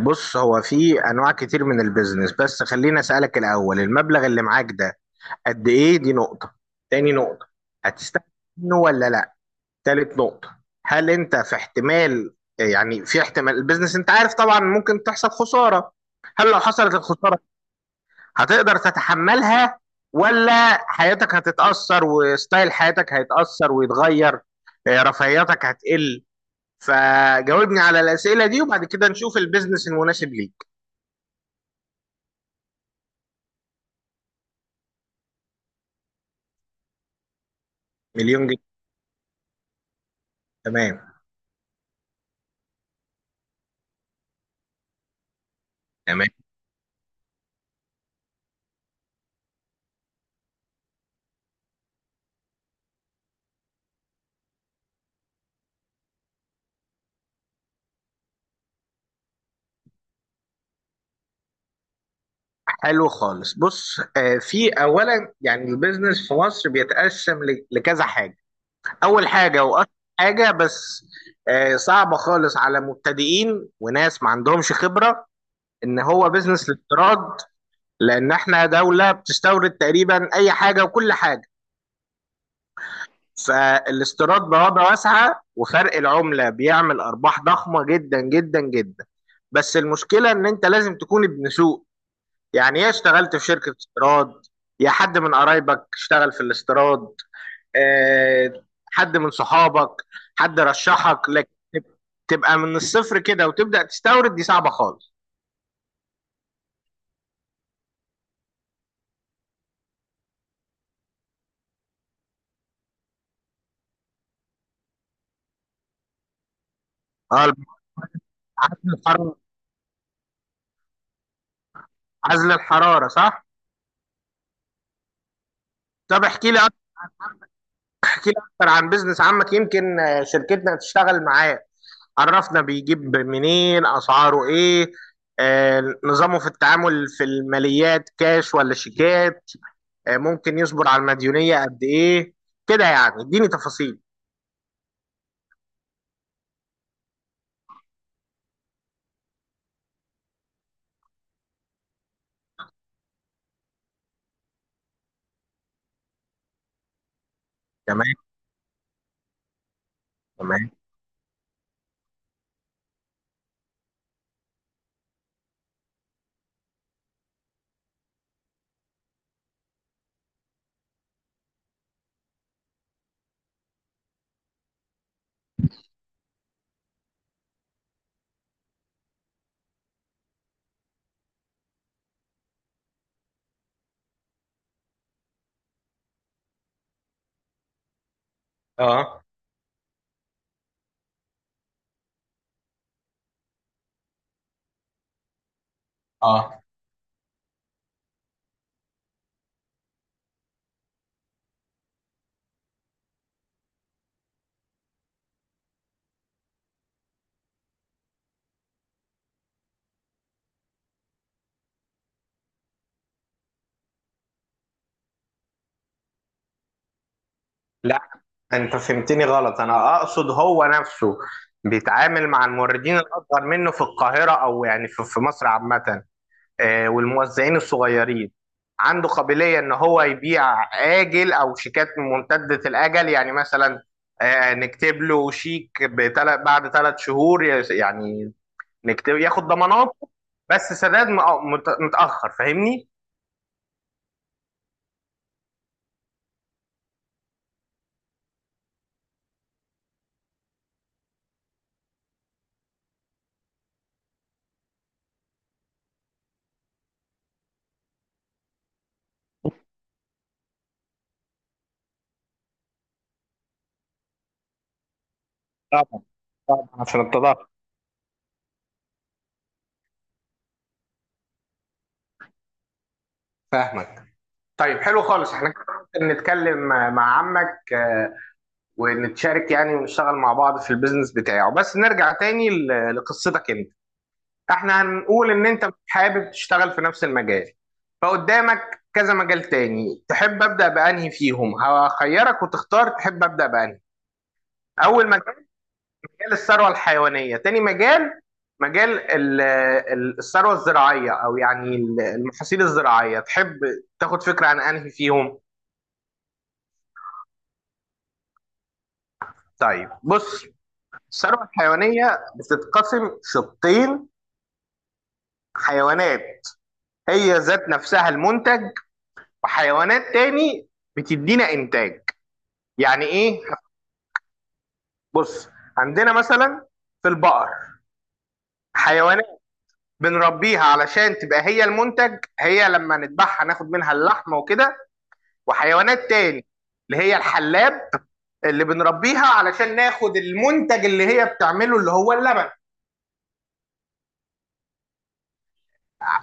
بص هو في انواع كتير من البيزنس، بس خليني اسالك الاول. المبلغ اللي معاك ده قد ايه؟ دي نقطه. تاني نقطه، هتستفيد منه ولا لا؟ تالت نقطه، هل انت في احتمال، يعني في احتمال البيزنس انت عارف طبعا ممكن تحصل خساره، هل لو حصلت الخساره هتقدر تتحملها ولا حياتك هتتاثر وستايل حياتك هيتاثر ويتغير، رفاهياتك هتقل؟ فجاوبني على الاسئله دي وبعد كده نشوف البيزنس المناسب ليك. مليون جنيه؟ تمام. تمام، حلو خالص. بص، في اولا يعني البيزنس في مصر بيتقسم لكذا حاجه. اول حاجه واكتر حاجه، بس صعبه خالص على مبتدئين وناس ما عندهمش خبره، ان هو بيزنس الاستيراد. لان احنا دوله بتستورد تقريبا اي حاجه وكل حاجه، فالاستيراد بوابه واسعه وفرق العمله بيعمل ارباح ضخمه جدا جدا جدا. بس المشكله ان انت لازم تكون ابن سوق، يعني يا اشتغلت في شركة استيراد، يا حد من قرايبك اشتغل في الاستيراد، آه، حد من صحابك، حد رشحك لك. تبقى من الصفر كده وتبدأ تستورد، دي صعبة خالص. اه، عزل الحرارة. عزل الحرارة، صح؟ طب احكي لي اكتر. احكي لي اكتر عن بيزنس عمك، يمكن شركتنا تشتغل معاه. عرفنا بيجيب منين، اسعاره ايه، نظامه في التعامل في الماليات كاش ولا شيكات، ممكن يصبر على المديونية قد ايه. كده يعني اديني تفاصيل. تمام. تمام. اه اه. لا، انت فهمتني غلط. انا اقصد هو نفسه بيتعامل مع الموردين الاصغر منه في القاهرة، او يعني في مصر عامة، والموزعين الصغيرين، عنده قابلية ان هو يبيع آجل او شيكات ممتدة الاجل؟ يعني مثلا نكتب له شيك بعد 3 شهور يعني، نكتب ياخد ضماناته، بس سداد متأخر. فاهمني؟ طبعا. طبعاً، عشان التضخم. فاهمك. طيب حلو خالص، احنا كده ممكن نتكلم مع عمك، ونتشارك يعني ونشتغل مع بعض في البيزنس بتاعه. بس نرجع تاني لقصتك انت. احنا هنقول ان انت حابب تشتغل في نفس المجال، فقدامك كذا مجال تاني تحب ابدأ بأنهي فيهم. هخيرك وتختار تحب ابدأ بأنهي. اول مجال، الثروه الحيوانيه. تاني مجال، مجال الثروه الزراعيه، او يعني المحاصيل الزراعيه. تحب تاخد فكره عن انهي فيهم؟ طيب بص، الثروه الحيوانيه بتتقسم شقين. حيوانات هي ذات نفسها المنتج، وحيوانات تاني بتدينا انتاج. يعني ايه؟ بص، عندنا مثلا في البقر حيوانات بنربيها علشان تبقى هي المنتج، هي لما نذبحها ناخد منها اللحمه وكده. وحيوانات تاني اللي هي الحلاب، اللي بنربيها علشان ناخد المنتج اللي هي بتعمله اللي هو اللبن.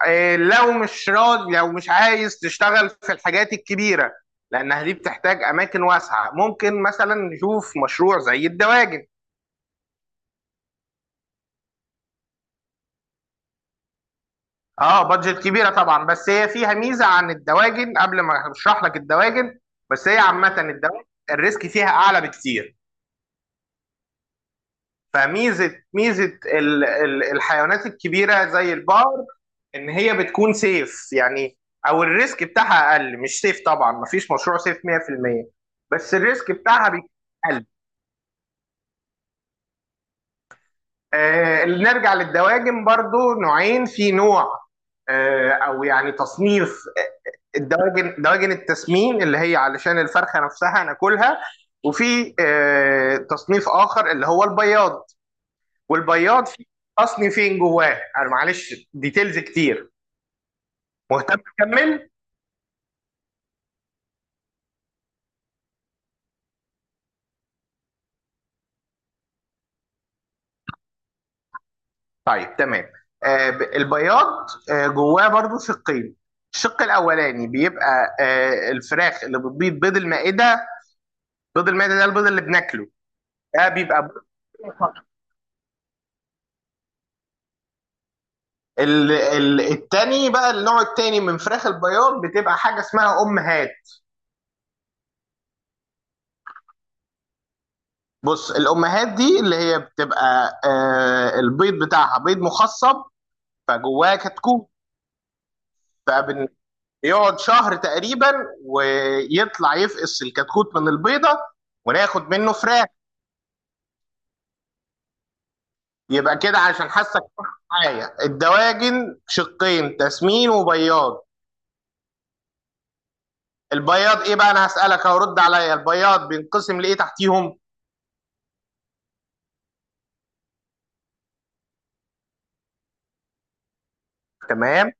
إيه، لو مش راضي، لو مش عايز تشتغل في الحاجات الكبيرة لأنها دي بتحتاج أماكن واسعة، ممكن مثلا نشوف مشروع زي الدواجن. اه بادجت كبيرة طبعا، بس هي فيها ميزة عن الدواجن. قبل ما أشرح لك الدواجن، بس هي عامة الدواجن الريسك فيها أعلى بكتير. فميزه الحيوانات الكبيره زي البقر ان هي بتكون سيف يعني، او الريسك بتاعها اقل. مش سيف طبعا، مفيش مشروع سيف 100%، بس الريسك بتاعها بيكون اقل. آه نرجع للدواجن. برضو نوعين، في نوع آه او يعني تصنيف، الدواجن دواجن التسمين اللي هي علشان الفرخه نفسها ناكلها، وفي آه تصنيف اخر اللي هو البياض. والبياض فيه، اصلي فين جواه؟ انا معلش ديتيلز كتير، مهتم اكمل؟ طيب تمام. آه البياض آه جواه برضو شقين. الشق الاولاني بيبقى آه الفراخ اللي بتبيض بيض المائده. بيض المائده ده البيض اللي بناكله، ده بيبقى بيض فقط. ال التاني بقى، النوع التاني من فراخ البياض بتبقى حاجه اسمها امهات. بص الامهات دي اللي هي بتبقى آه البيض بتاعها بيض مخصب، فجواه كتكوت. فبن يقعد شهر تقريبا ويطلع يفقس الكتكوت من البيضة، وناخد منه فراخ. يبقى كده عشان حاسك معايا، الدواجن شقين، تسمين وبياض. البياض ايه بقى؟ انا هسألك أهو، رد عليا. البياض بينقسم لايه تحتيهم؟ تمام،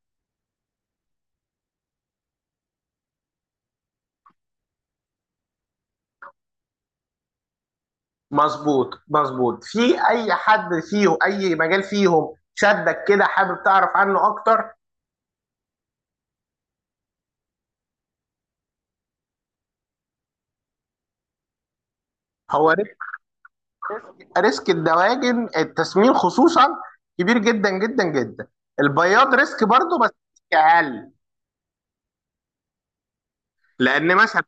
مظبوط مظبوط. في اي حد فيهم، اي مجال فيهم شدك كده حابب تعرف عنه اكتر؟ هو ريسك الدواجن التسمين خصوصا كبير جدا جدا جدا. البياض ريسك برضه، بس ريسك اقل. لان مثلا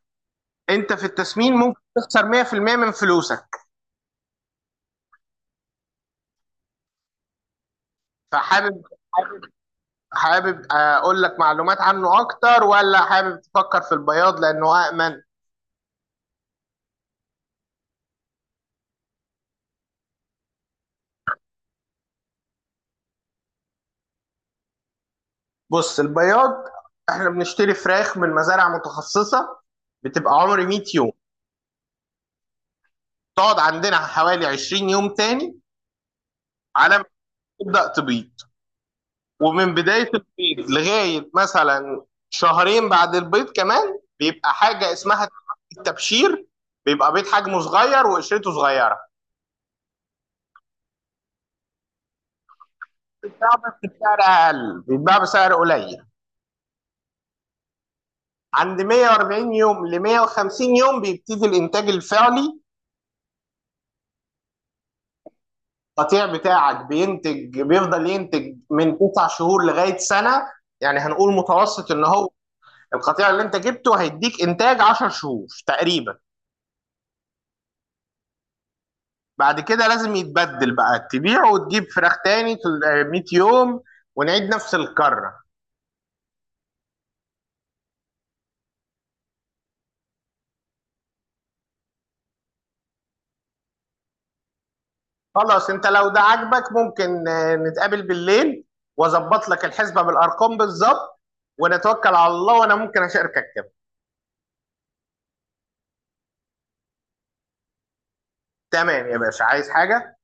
انت في التسمين ممكن تخسر 100% من فلوسك. فحابب حابب حابب اقول لك معلومات عنه اكتر، ولا حابب تفكر في البياض لانه امن؟ بص البياض، احنا بنشتري فراخ من مزارع متخصصه، بتبقى عمر 100 يوم. تقعد عندنا حوالي 20 يوم تاني على ما تبدا تبيض. ومن بداية البيض لغاية مثلا شهرين بعد البيض كمان، بيبقى حاجة اسمها التبشير. بيبقى بيض حجمه صغير وقشرته صغيرة. بيتباع بس بسعر أقل، بيتباع بسعر قليل. عند 140 يوم ل 150 يوم بيبتدي الإنتاج الفعلي. القطيع بتاعك بينتج، بيفضل ينتج من 9 شهور لغاية سنة. يعني هنقول متوسط إن هو القطيع اللي أنت جبته هيديك إنتاج 10 شهور تقريبا. بعد كده لازم يتبدل بقى، تبيعه وتجيب فراخ تاني 100 يوم، ونعيد نفس الكرة. خلاص، انت لو ده عاجبك ممكن نتقابل بالليل واظبط لك الحسبة بالارقام بالظبط ونتوكل على الله. وانا ممكن اشاركك كمان. تمام يا باشا، عايز حاجة؟